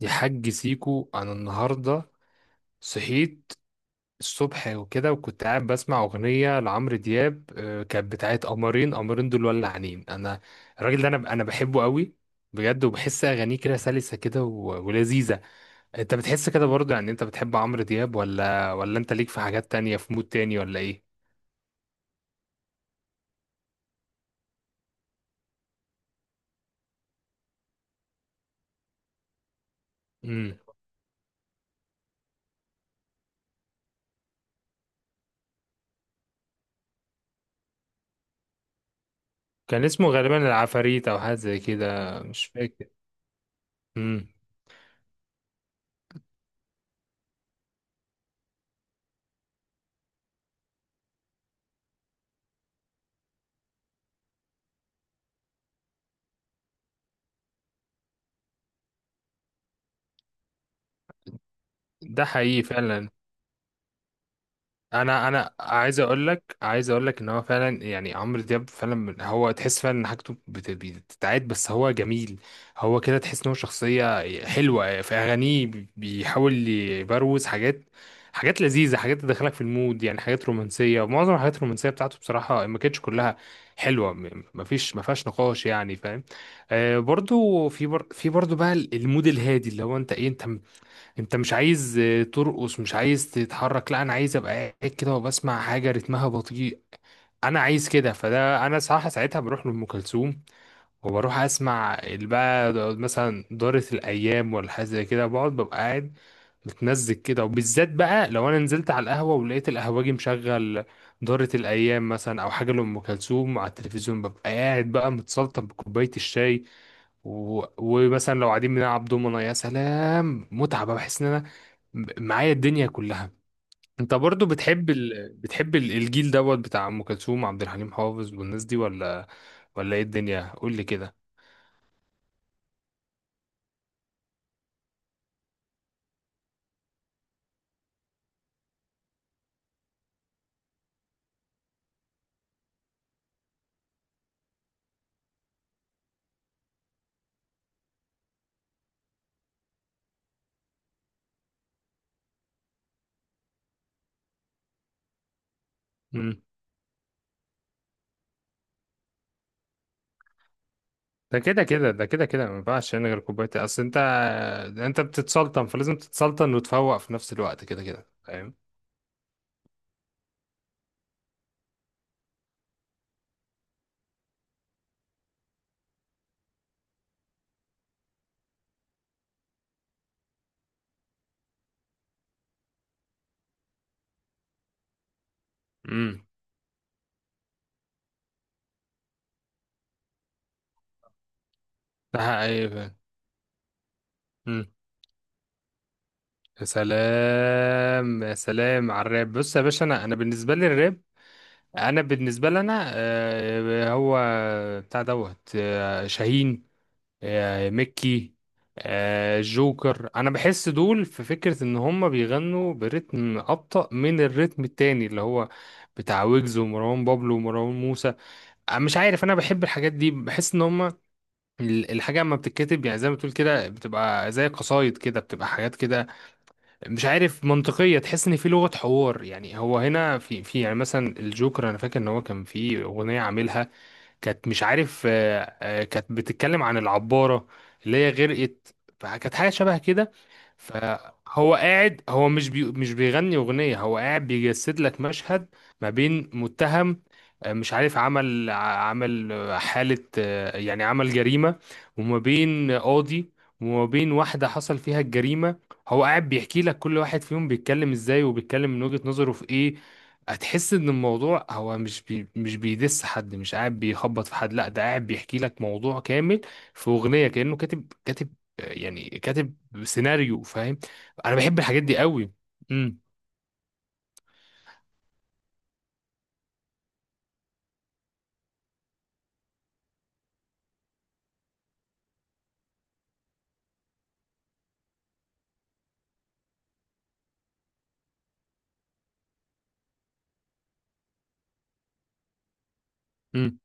يا حاج سيكو، انا النهارده صحيت الصبح وكده. وكنت قاعد بسمع اغنيه لعمرو دياب، كانت بتاعت قمرين قمرين دول، ولعانين انا. الراجل ده، انا بحبه قوي، بجد. وبحس اغانيه كده سلسه كده ولذيذه. انت بتحس كده برضه؟ يعني انت بتحب عمرو دياب، ولا انت ليك في حاجات تانية، في مود تاني، ولا ايه؟ امم كان اسمه غالبا العفاريت، او حاجه زي كده، مش فاكر. امم ده حقيقي فعلا. انا عايز اقول لك، عايز اقول لك ان هو فعلا، يعني عمرو دياب فعلا، هو تحس فعلا ان حاجته بتتعاد، بس هو جميل. هو كده تحس ان هو شخصيه حلوه في اغانيه، بيحاول يبروز حاجات، حاجات لذيذه، حاجات تدخلك في المود، يعني حاجات رومانسيه. ومعظم الحاجات الرومانسيه بتاعته بصراحه ما كانتش كلها حلوه، مفيش ما فيهاش نقاش، يعني فاهم؟ آه، برضو في برضو بقى المود الهادي، اللي هو انت ايه؟ انت مش عايز ترقص، مش عايز تتحرك، لا، انا عايز ابقى قاعد كده وبسمع حاجه رتمها بطيء. انا عايز كده، فده انا صراحه ساعتها بروح لام كلثوم، وبروح اسمع اللي بقى مثلا دارة الايام ولا حاجه زي كده، بقعد ببقى قاعد متمزج كده. وبالذات بقى لو انا نزلت على القهوه ولقيت القهوجي مشغل دارة الايام مثلا، او حاجه لام كلثوم على التلفزيون، ببقى قاعد بقى متسلطن بكوبايه الشاي. ومثلا لو قاعدين بنلعب دومنا، يا سلام، متعه بقى، بحس ان انا معايا الدنيا كلها. انت برضو بتحب الجيل دوت بتاع ام كلثوم، عبد الحليم حافظ، والناس دي، ولا ايه الدنيا، قول لي كده؟ مم. ده كده كده، ده كده كده، ما ينفعش انا غير كوبايه، اصل انت بتتسلطن، فلازم تتسلطن وتفوق في نفس الوقت، كده كده، فاهم؟ امم ده حقيقي فعلا. مم. يا سلام، يا سلام على الراب. بص يا باشا، انا بالنسبه لي الراب، انا بالنسبه لي انا، هو بتاع دوت، شاهين، ميكي، جوكر. انا بحس دول في فكرة ان هم بيغنوا برتم ابطأ من الرتم التاني، اللي هو بتاع ويجز ومروان بابلو ومروان موسى. مش عارف، انا بحب الحاجات دي، بحس ان هم الحاجة اما بتتكتب، يعني زي ما بتقول كده، بتبقى زي قصايد كده، بتبقى حاجات كده مش عارف، منطقية. تحس ان في لغة حوار، يعني هو هنا في يعني مثلا الجوكر، انا فاكر ان هو كان في اغنية عاملها، كانت مش عارف، كانت بتتكلم عن العبارة اللي هي غرقت، فكانت حاجة شبه كده. فهو قاعد، هو مش بيغني أغنية، هو قاعد بيجسد لك مشهد ما بين متهم، مش عارف، عمل حالة، يعني عمل جريمة، وما بين قاضي، وما بين واحدة حصل فيها الجريمة. هو قاعد بيحكي لك كل واحد فيهم بيتكلم ازاي، وبيتكلم من وجهة نظره في ايه. هتحس ان الموضوع هو مش بيدس حد، مش قاعد بيخبط في حد، لا ده قاعد بيحكي لك موضوع كامل في اغنيه، كانه كاتب، كاتب، يعني كاتب سيناريو، فاهم؟ انا بحب الحاجات دي قوي. امم. امم.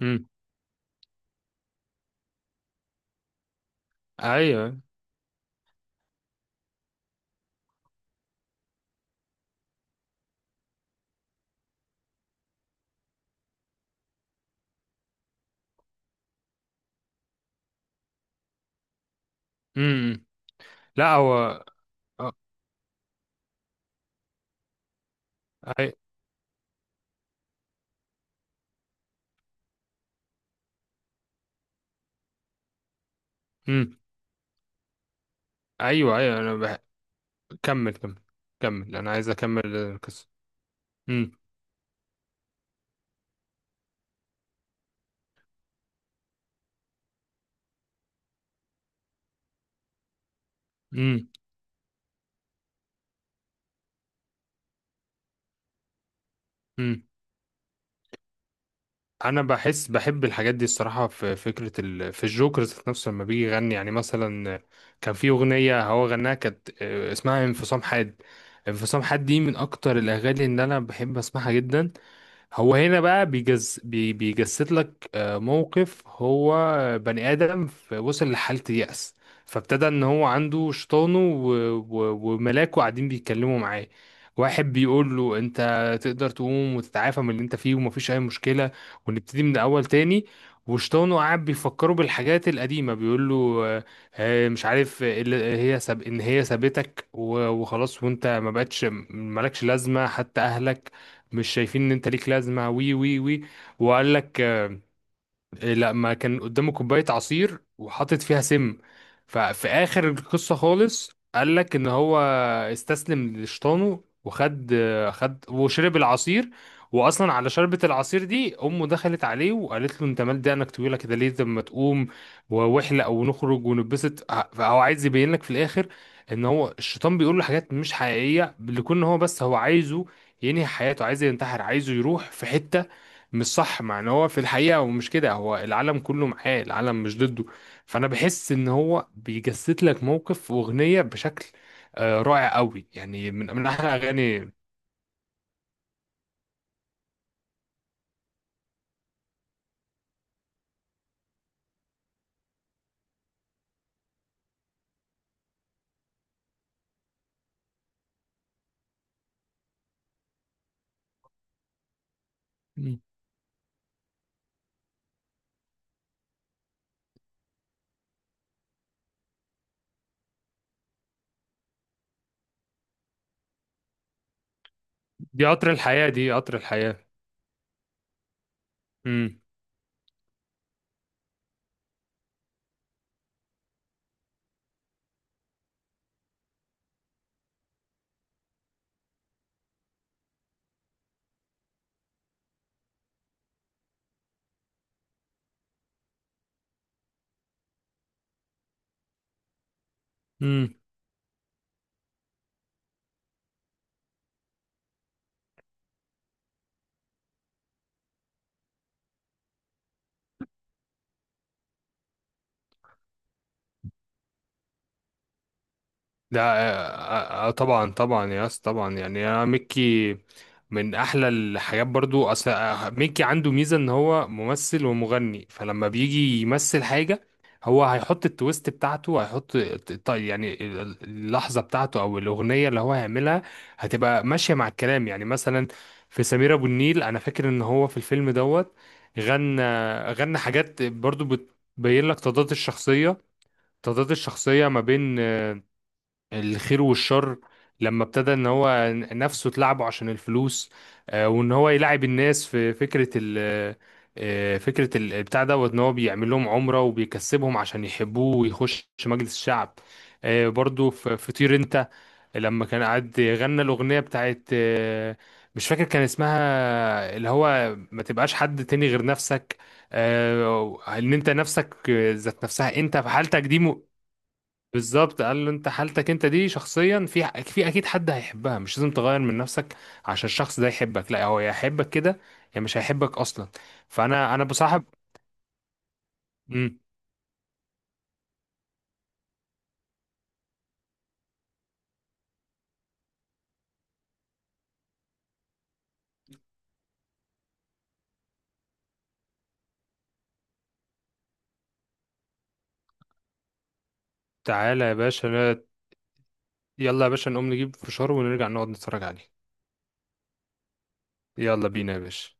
امم. ايوه. امم. لا. هو. آه، أي. امم. ايوه، ايوه، كمل، كمل، كمل، انا عايز اكمل القصه. امم. امم. انا بحس بحب الحاجات دي، الصراحه في فكره في الجوكر ذات نفسه. لما بيجي يغني يعني مثلا كان في اغنيه هو غناها، كانت اسمها انفصام حاد. انفصام حاد دي من اكتر الاغاني اللي انا بحب اسمعها جدا. هو هنا بقى بيجز بي بيجسد لك موقف، هو بني آدم وصل لحالة يأس، فابتدى ان هو عنده شيطانه وملاكه قاعدين بيتكلموا معاه. واحد بيقول له: انت تقدر تقوم وتتعافى من اللي انت فيه ومفيش اي مشكلة، ونبتدي من الاول تاني. وشيطانه قاعد بيفكره بالحاجات القديمة، بيقول له: آه، مش عارف إيه اللي هي ساب ان هي سابتك وخلاص، وانت ما بقتش مالكش لازمة، حتى اهلك مش شايفين ان انت ليك لازمه، وي وي وي. وقال لك إيه، لا ما كان قدامه كوباية عصير وحاطط فيها سم. ففي آخر القصة خالص قال لك إن هو استسلم لشيطانه، وخد وشرب العصير. وأصلا على شربة العصير دي، أمه دخلت عليه وقالت له: أنت مال دقنك طويلة كده ليه؟ لما تقوم واحلق ونخرج ونتبسط. فهو عايز يبين لك في الآخر إن هو الشيطان بيقول له حاجات مش حقيقية، لكون هو بس هو عايزه ينهي حياته، عايزه ينتحر، عايزه يروح في حتة مش صح. مع ان هو في الحقيقة هو مش كده، هو العالم كله معاه، العالم مش ضده. فانا بحس ان هو بيجسد لك موقف واغنية بشكل رائع قوي، يعني من احلى اغاني. دي قطر الحياة، دي قطر الحياة. امم ده، طبعا، طبعا يا اسطى، طبعا، يعني انا ميكي من احلى الحاجات برضو، اصل ميكي عنده ميزه ان هو ممثل ومغني، فلما بيجي يمثل حاجه هو هيحط التويست بتاعته. هيحط يعني اللحظه بتاعته، او الاغنيه اللي هو هيعملها، هتبقى ماشيه مع الكلام، يعني مثلا في سمير ابو النيل، انا فاكر ان هو في الفيلم دوت غنى، غنى حاجات برضو بتبين لك تضاد الشخصيه، تضاد الشخصيه ما بين الخير والشر. لما ابتدى ان هو نفسه تلعبه عشان الفلوس، وان هو يلعب الناس في فكرة ال آه، فكرة ال- بتاع دوت، ان هو بيعمل لهم عمرة وبيكسبهم عشان يحبوه ويخش مجلس الشعب. برضو في طير انت، لما كان قاعد غنى الأغنية بتاعت مش فاكر كان اسمها، اللي هو ما تبقاش حد تاني غير نفسك، ان انت نفسك، ذات نفسها انت في حالتك دي. بالظبط قال له: انت حالتك انت دي شخصيا، في اكيد حد هيحبها، مش لازم تغير من نفسك عشان الشخص ده يحبك. لا، هو يا يحبك كده يا مش هيحبك اصلا. فانا بصاحب. امم. تعالى يا باشا، يلا يا باشا، نقوم نجيب فشار ونرجع نقعد نتفرج عليه. يلا بينا يا باشا.